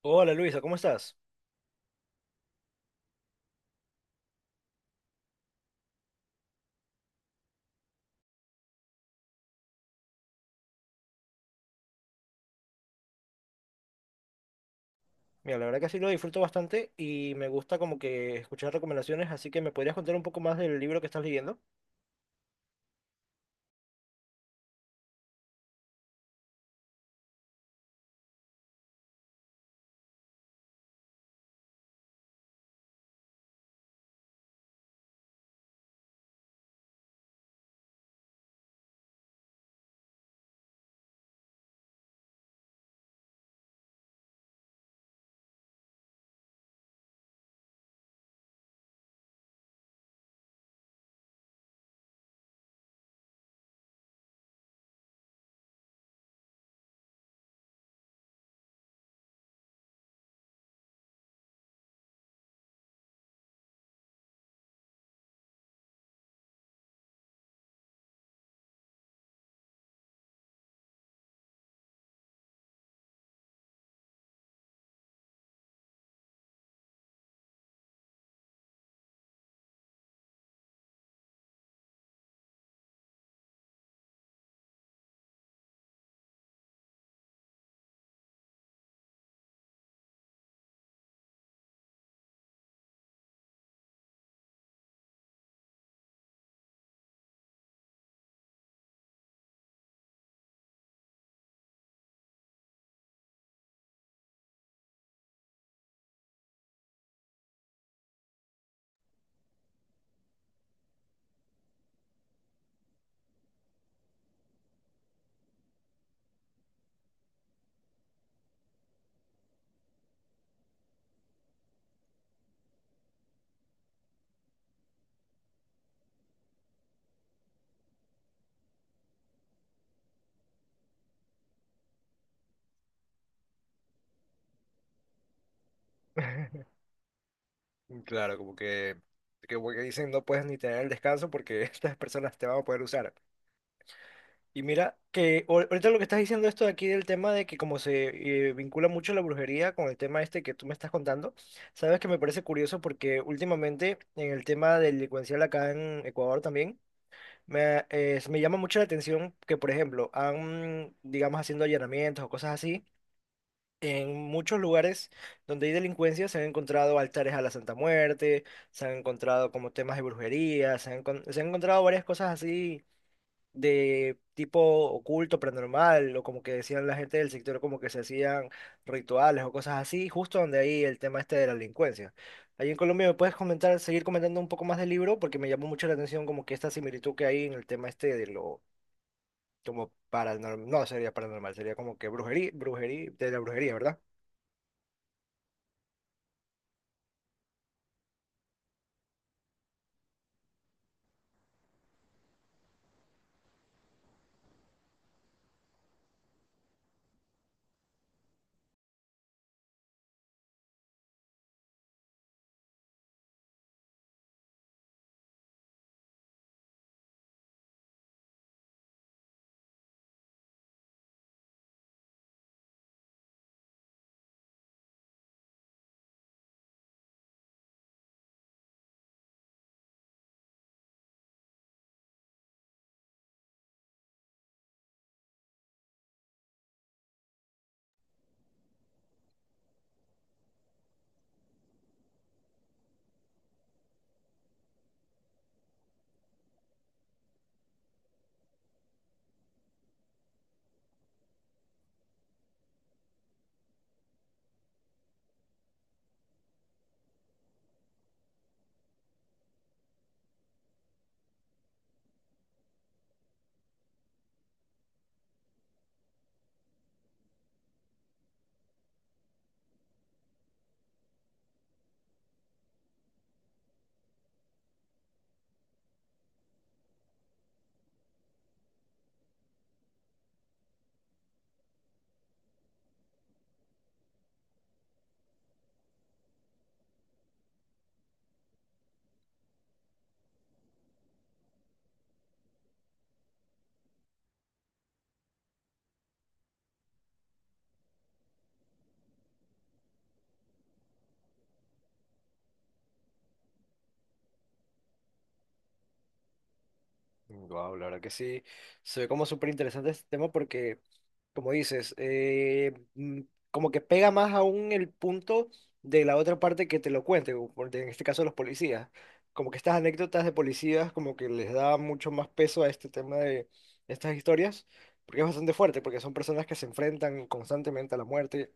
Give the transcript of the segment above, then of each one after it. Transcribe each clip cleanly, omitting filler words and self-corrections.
Hola Luisa, ¿cómo estás? Mira, la verdad que sí lo disfruto bastante y me gusta como que escuchar recomendaciones, así que ¿me podrías contar un poco más del libro que estás leyendo? Claro, como que como que dicen no puedes ni tener el descanso porque estas personas te van a poder usar. Y mira, que ahorita lo que estás diciendo esto de aquí del tema de que como se vincula mucho la brujería con el tema este que tú me estás contando, sabes que me parece curioso porque últimamente en el tema delincuencial acá en Ecuador también. Me llama mucho la atención que, por ejemplo, han, digamos, haciendo allanamientos o cosas así, en muchos lugares donde hay delincuencia se han encontrado altares a la Santa Muerte, se han encontrado como temas de brujería, se han encontrado varias cosas así de tipo oculto, paranormal, o como que decían la gente del sector, como que se hacían rituales o cosas así, justo donde ahí el tema este de la delincuencia. Ahí en Colombia me puedes comentar, seguir comentando un poco más del libro, porque me llamó mucho la atención como que esta similitud que hay en el tema este de lo como paranormal, no sería paranormal, sería como que brujería, brujería, de la brujería, ¿verdad? Wow, la verdad que sí, se ve como súper interesante este tema porque como dices, como que pega más aún el punto de la otra parte que te lo cuente, en este caso los policías. Como que estas anécdotas de policías como que les da mucho más peso a este tema de estas historias, porque es bastante fuerte, porque son personas que se enfrentan constantemente a la muerte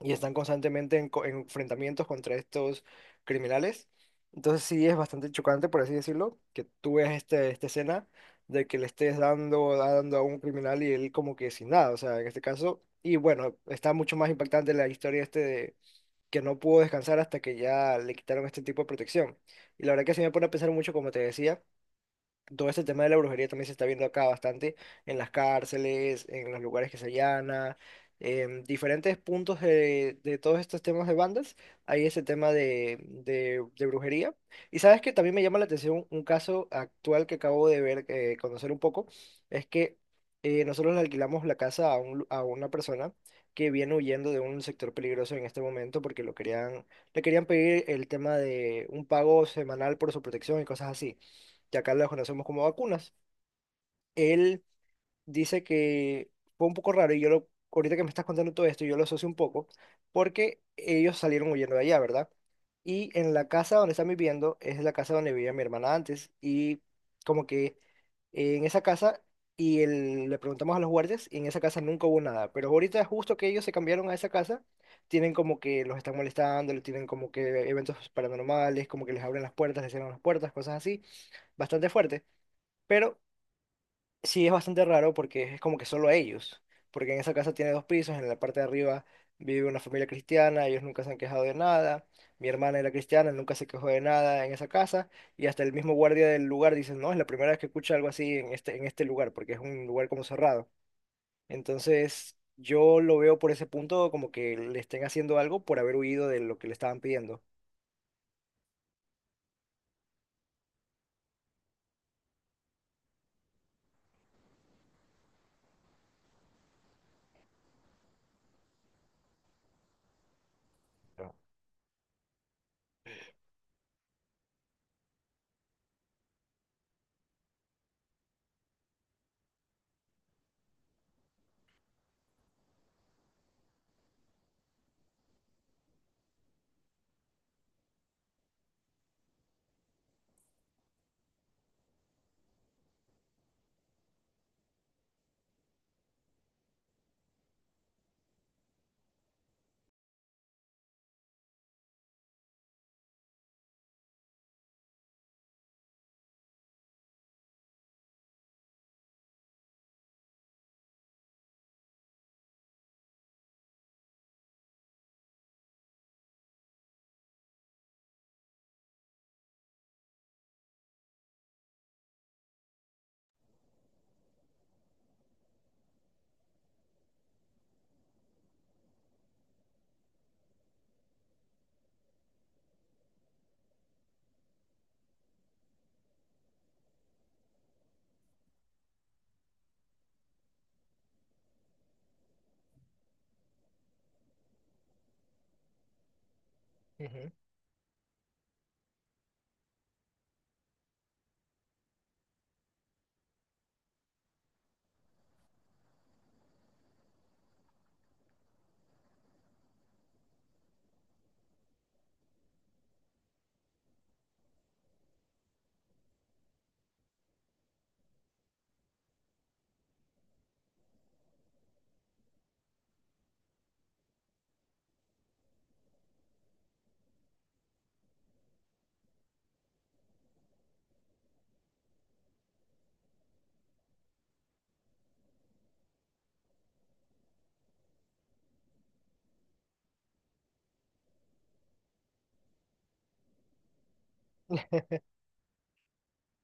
y están constantemente en enfrentamientos contra estos criminales. Entonces sí es bastante chocante, por así decirlo, que tú ves este, esta escena de que le estés dando, dando a un criminal y él como que sin nada, o sea, en este caso. Y bueno, está mucho más impactante la historia este de que no pudo descansar hasta que ya le quitaron este tipo de protección. Y la verdad que sí me pone a pensar mucho, como te decía, todo este tema de la brujería también se está viendo acá bastante en las cárceles, en los lugares que se allana, en diferentes puntos de todos estos temas de bandas, hay ese tema de brujería. Y sabes que también me llama la atención un caso actual que acabo de ver, conocer un poco, es que nosotros le alquilamos la casa a, a una persona que viene huyendo de un sector peligroso en este momento porque lo querían, le querían pedir el tema de un pago semanal por su protección y cosas así, que acá las conocemos como vacunas. Él dice que fue un poco raro y yo lo, ahorita que me estás contando todo esto, yo lo asocio un poco, porque ellos salieron huyendo de allá, ¿verdad? Y en la casa donde están viviendo es la casa donde vivía mi hermana antes y como que en esa casa, le preguntamos a los guardias y en esa casa nunca hubo nada, pero ahorita justo que ellos se cambiaron a esa casa, tienen como que los están molestando, le tienen como que eventos paranormales, como que les abren las puertas, les cierran las puertas, cosas así, bastante fuerte. Pero sí, es bastante raro porque es como que solo ellos, porque en esa casa tiene dos pisos, en la parte de arriba vive una familia cristiana, ellos nunca se han quejado de nada, mi hermana era cristiana, nunca se quejó de nada en esa casa, y hasta el mismo guardia del lugar dice, no, es la primera vez que escucha algo así en este lugar, porque es un lugar como cerrado. Entonces, yo lo veo por ese punto como que le estén haciendo algo por haber huido de lo que le estaban pidiendo. Claro. Ujú.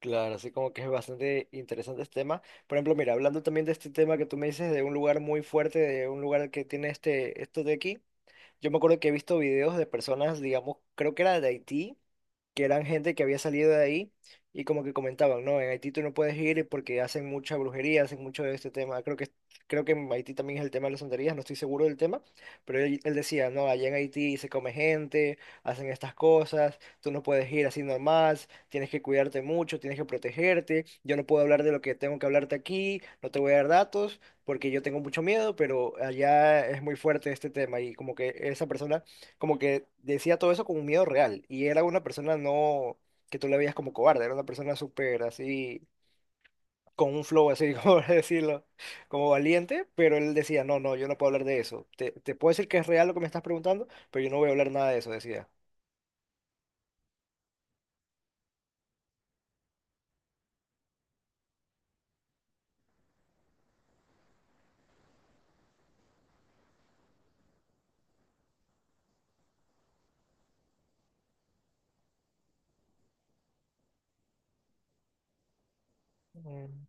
Claro, así como que es bastante interesante este tema. Por ejemplo, mira, hablando también de este tema que tú me dices de un lugar muy fuerte, de un lugar que tiene este, esto de aquí. Yo me acuerdo que he visto videos de personas, digamos, creo que era de Haití, que eran gente que había salido de ahí y como que comentaban, no, en Haití tú no puedes ir porque hacen mucha brujería, hacen mucho de este tema. Creo que en Haití también es el tema de las santerías, no estoy seguro del tema, pero él decía, no, allá en Haití se come gente, hacen estas cosas, tú no puedes ir así normal, tienes que cuidarte mucho, tienes que protegerte, yo no puedo hablar de lo que tengo que hablarte aquí, no te voy a dar datos porque yo tengo mucho miedo, pero allá es muy fuerte este tema y como que esa persona como que decía todo eso con un miedo real y era una persona no que tú la veías como cobarde, era una persona súper así, con un flow así, como decirlo, como valiente, pero él decía, no, no, yo no puedo hablar de eso, te puedo decir que es real lo que me estás preguntando, pero yo no voy a hablar nada de eso, decía. Mm.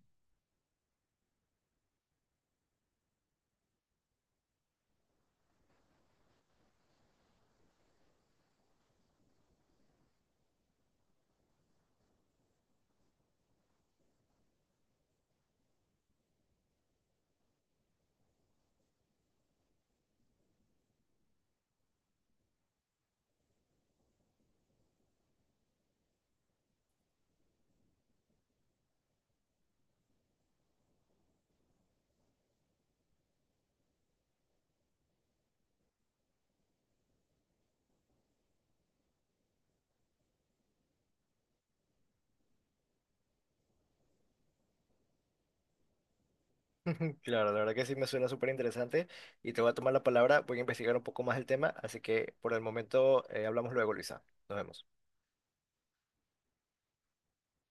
Claro, la verdad que sí me suena súper interesante y te voy a tomar la palabra, voy a investigar un poco más el tema, así que por el momento hablamos luego, Luisa. Nos vemos.